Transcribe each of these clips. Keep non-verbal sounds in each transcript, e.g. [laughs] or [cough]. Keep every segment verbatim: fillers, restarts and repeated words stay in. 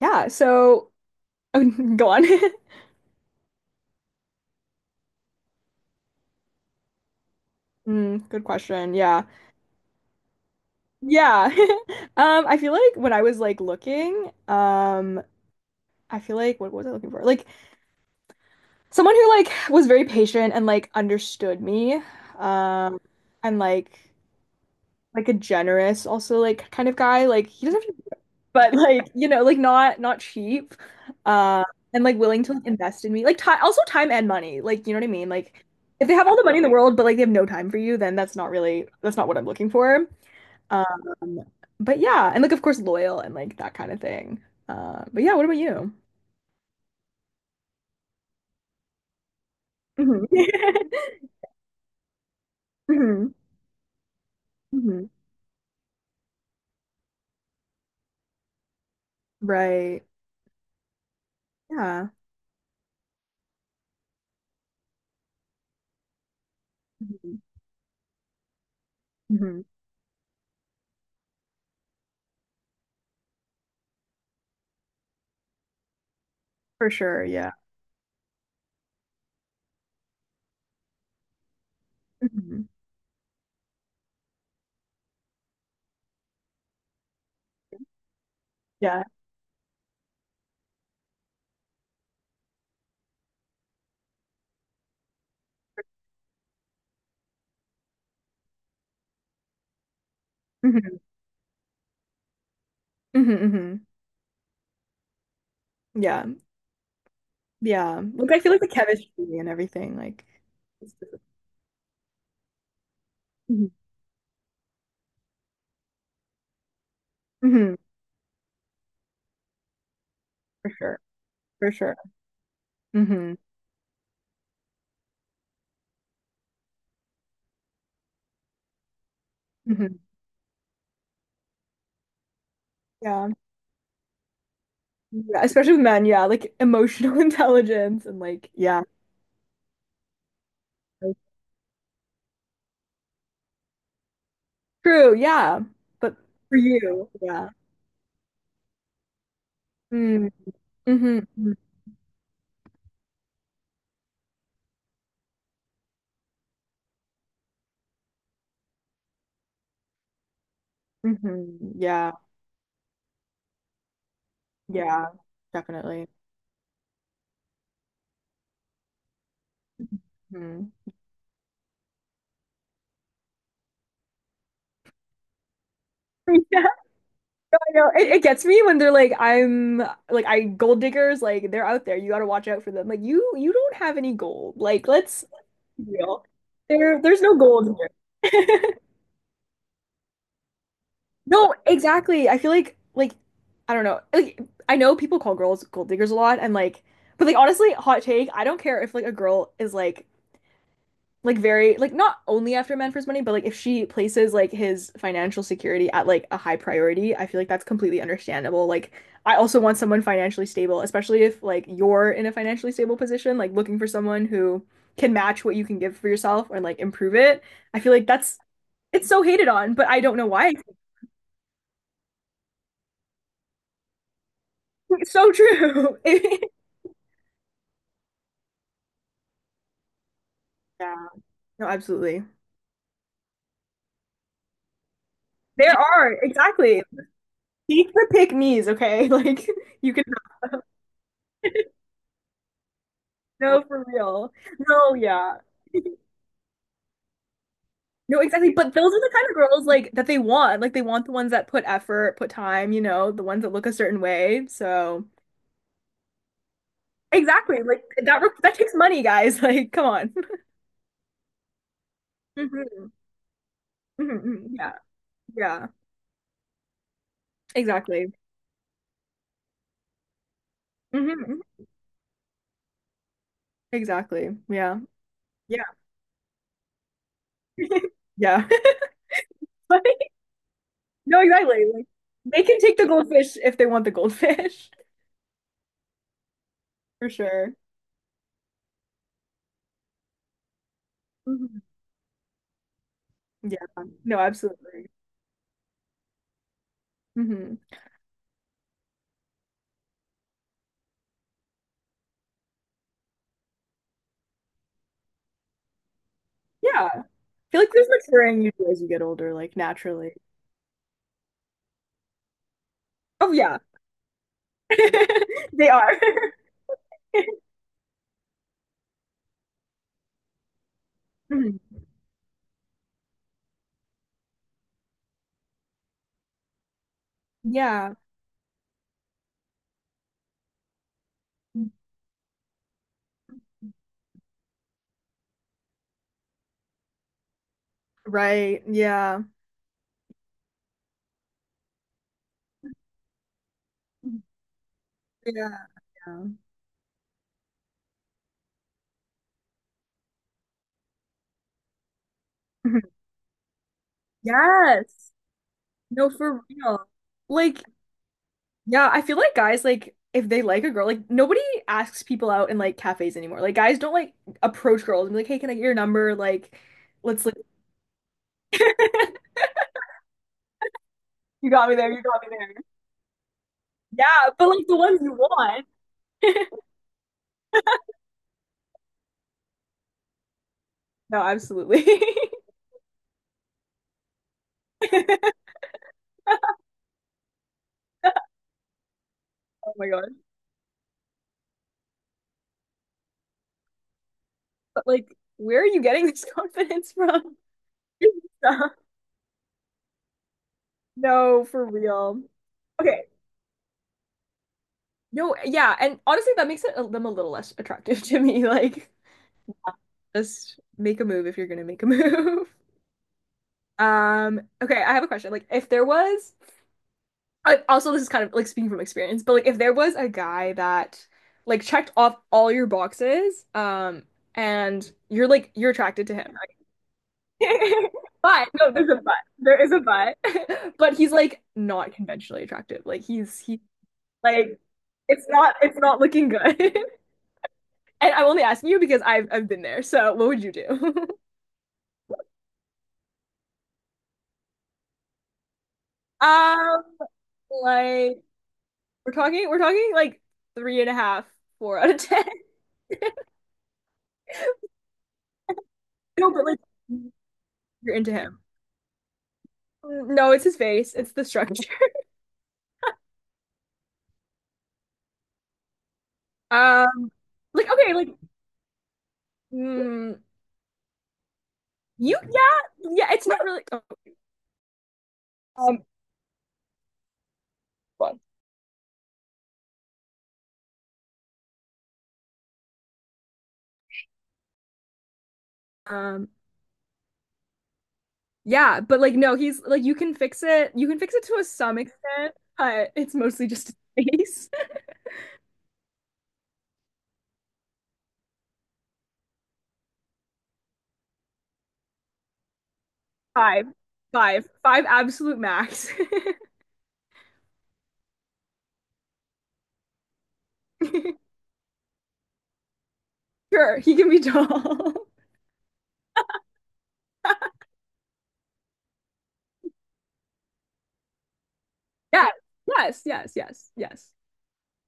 Yeah, so oh, [laughs] go on. [laughs] Mm, good question. Yeah. Yeah. [laughs] Um, I feel like when I was like looking, um, I feel like what was I looking for? Like someone who like was very patient and like understood me. Um, and like like a generous also like kind of guy. Like he doesn't have to but like you know like not not cheap uh and like willing to like, invest in me like time, also time and money, like you know what I mean like if they have all the money in the world but like they have no time for you, then that's not really that's not what I'm looking for. um but yeah, and like of course loyal and like that kind of thing. Uh but yeah, what about you? Mhm. [laughs] Mhm. Mhm. Right. Yeah. Mhm. Mhm. For sure. Yeah. Mhm. Yeah. Mhm. Mhm. Mhm. Yeah. Yeah. Like I feel like the chemistry and everything, like it's just- mhm. Mhm. For sure. For sure. hmm hmm yeah. Yeah. Especially with men, yeah. Like emotional [laughs] intelligence and like yeah. Like, true, yeah. But for you, yeah. Mm. hmm hmm yeah. Yeah. Definitely. Mhm. [laughs] Yeah. No, I know. It, it gets me when they're like, I'm like, I gold diggers, like they're out there. You gotta watch out for them. Like you you don't have any gold. Like let's real. There, there's no gold here. [laughs] No, exactly. I feel like like I don't know. Like I know people call girls gold diggers a lot and like but like honestly, hot take, I don't care if like a girl is like like very like not only after men for his money, but like if she places like his financial security at like a high priority, I feel like that's completely understandable. Like I also want someone financially stable, especially if like you're in a financially stable position, like looking for someone who can match what you can give for yourself and like improve it. I feel like that's it's so hated on, but I don't know why. It's so true. [laughs] Yeah. No, absolutely. There are, exactly. Take the pick me's, okay? [laughs] Like you can no for real. No, yeah. No, exactly. But those are the kind of girls like that they want. Like they want the ones that put effort, put time, you know, the ones that look a certain way. So exactly. Like that re that takes money, guys. [laughs] Like, come on. Mhm. Mhm, mhm. Yeah. Yeah. Exactly. hmm exactly. Yeah. Yeah. [laughs] Yeah. [laughs] Like, no, exactly. Like, they can take the goldfish if they want the goldfish, [laughs] for sure. Mhm. Yeah. No, absolutely. hmm Yeah. I feel like there's maturing you do as you get older, like naturally. Oh yeah. [laughs] They are. [laughs] Mhm. Yeah. Right. Yeah. Yeah. Yeah. [laughs] Yes. No, for real. Like yeah, I feel like guys like if they like a girl, like nobody asks people out in like cafes anymore. Like guys don't like approach girls and be like, "Hey, can I get your number?" Like, let's like [laughs] you got me there, you got me there. Yeah, but like the ones you want. [laughs] No, absolutely. [laughs] Oh my God. But like, where are you getting this confidence from? [laughs] No, for real. Okay. No, yeah, and honestly, that makes it, them a little less attractive [laughs] to me. Like, just make a move if you're gonna make a move. Um, okay, I have a question. Like, if there was, I, also this is kind of like speaking from experience, but like if there was a guy that like checked off all your boxes, um, and you're like you're attracted to him, right? [laughs] But no, there's a but. There is a but. [laughs] But he's like not conventionally attractive. Like he's he like it's not it's not looking good. [laughs] And I'm only asking you because I've I've been there. So what would you do? [laughs] Um, like we're talking, we're talking like three and a half, four out of ten. [laughs] No, but like you're into him. No, it's his face. It's the structure. [laughs] Um, like okay, like mm, you, yeah, yeah. It's not really. Um, um, yeah, but like no, he's like you can fix it. You can fix it to a some extent, but it's mostly just his face. [laughs] Five, five, five, absolute max. [laughs] Sure, he can be tall. [laughs] Yeah. Yes, yes, yes, yes.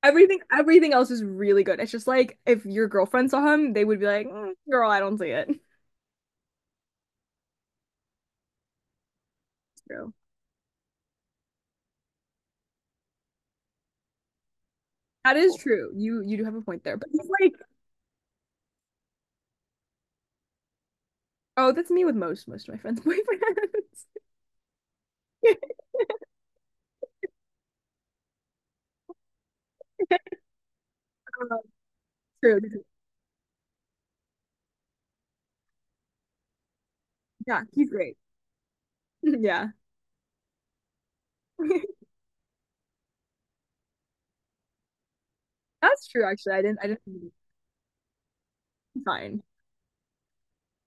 Everything everything else is really good. It's just like if your girlfriend saw him, they would be like, "Mm, Girl, I don't see it." [laughs] True. That is true. You you do have a point there. But it's like, oh, that's me with most most of my friends' boyfriends. [laughs] Um, true. Yeah, he's great. [laughs] Yeah. [laughs] That's true actually. I didn't I didn't fine.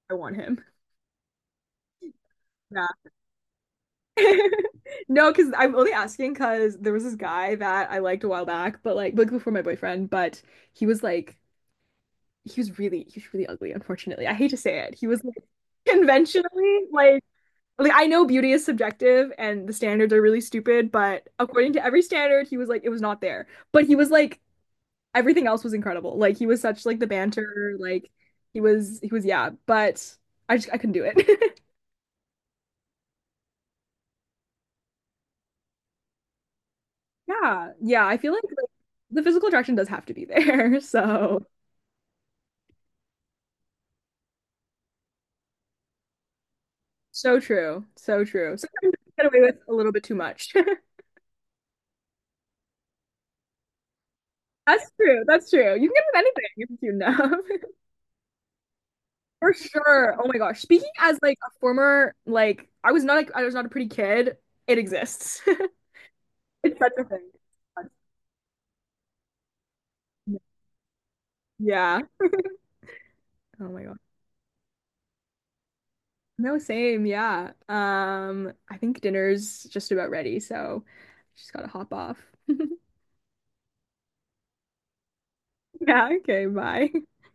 I want him. Yeah. [laughs] No, because I'm only asking because there was this guy that I liked a while back, but like, like before my boyfriend, but he was like he was really he was really ugly, unfortunately. I hate to say it. He was like conventionally like like I know beauty is subjective and the standards are really stupid, but according to every standard, he was like it was not there. But he was like everything else was incredible. Like he was such like the banter, like he was he was yeah, but I just I couldn't do it. [laughs] Yeah. Yeah, I feel like, like the physical attraction does have to be there. [laughs] So so true. So true. Sometimes you get away with a little bit too much. [laughs] That's true. That's true. You can get away with anything if you're cute enough. [laughs] For sure. Oh my gosh. Speaking as like a former like I was not like I was not a pretty kid. It exists. [laughs] It's such a thing. Yeah. Oh my God. No, same. Yeah. Um, I think dinner's just about ready, so just gotta hop off. [laughs] Yeah, okay, bye.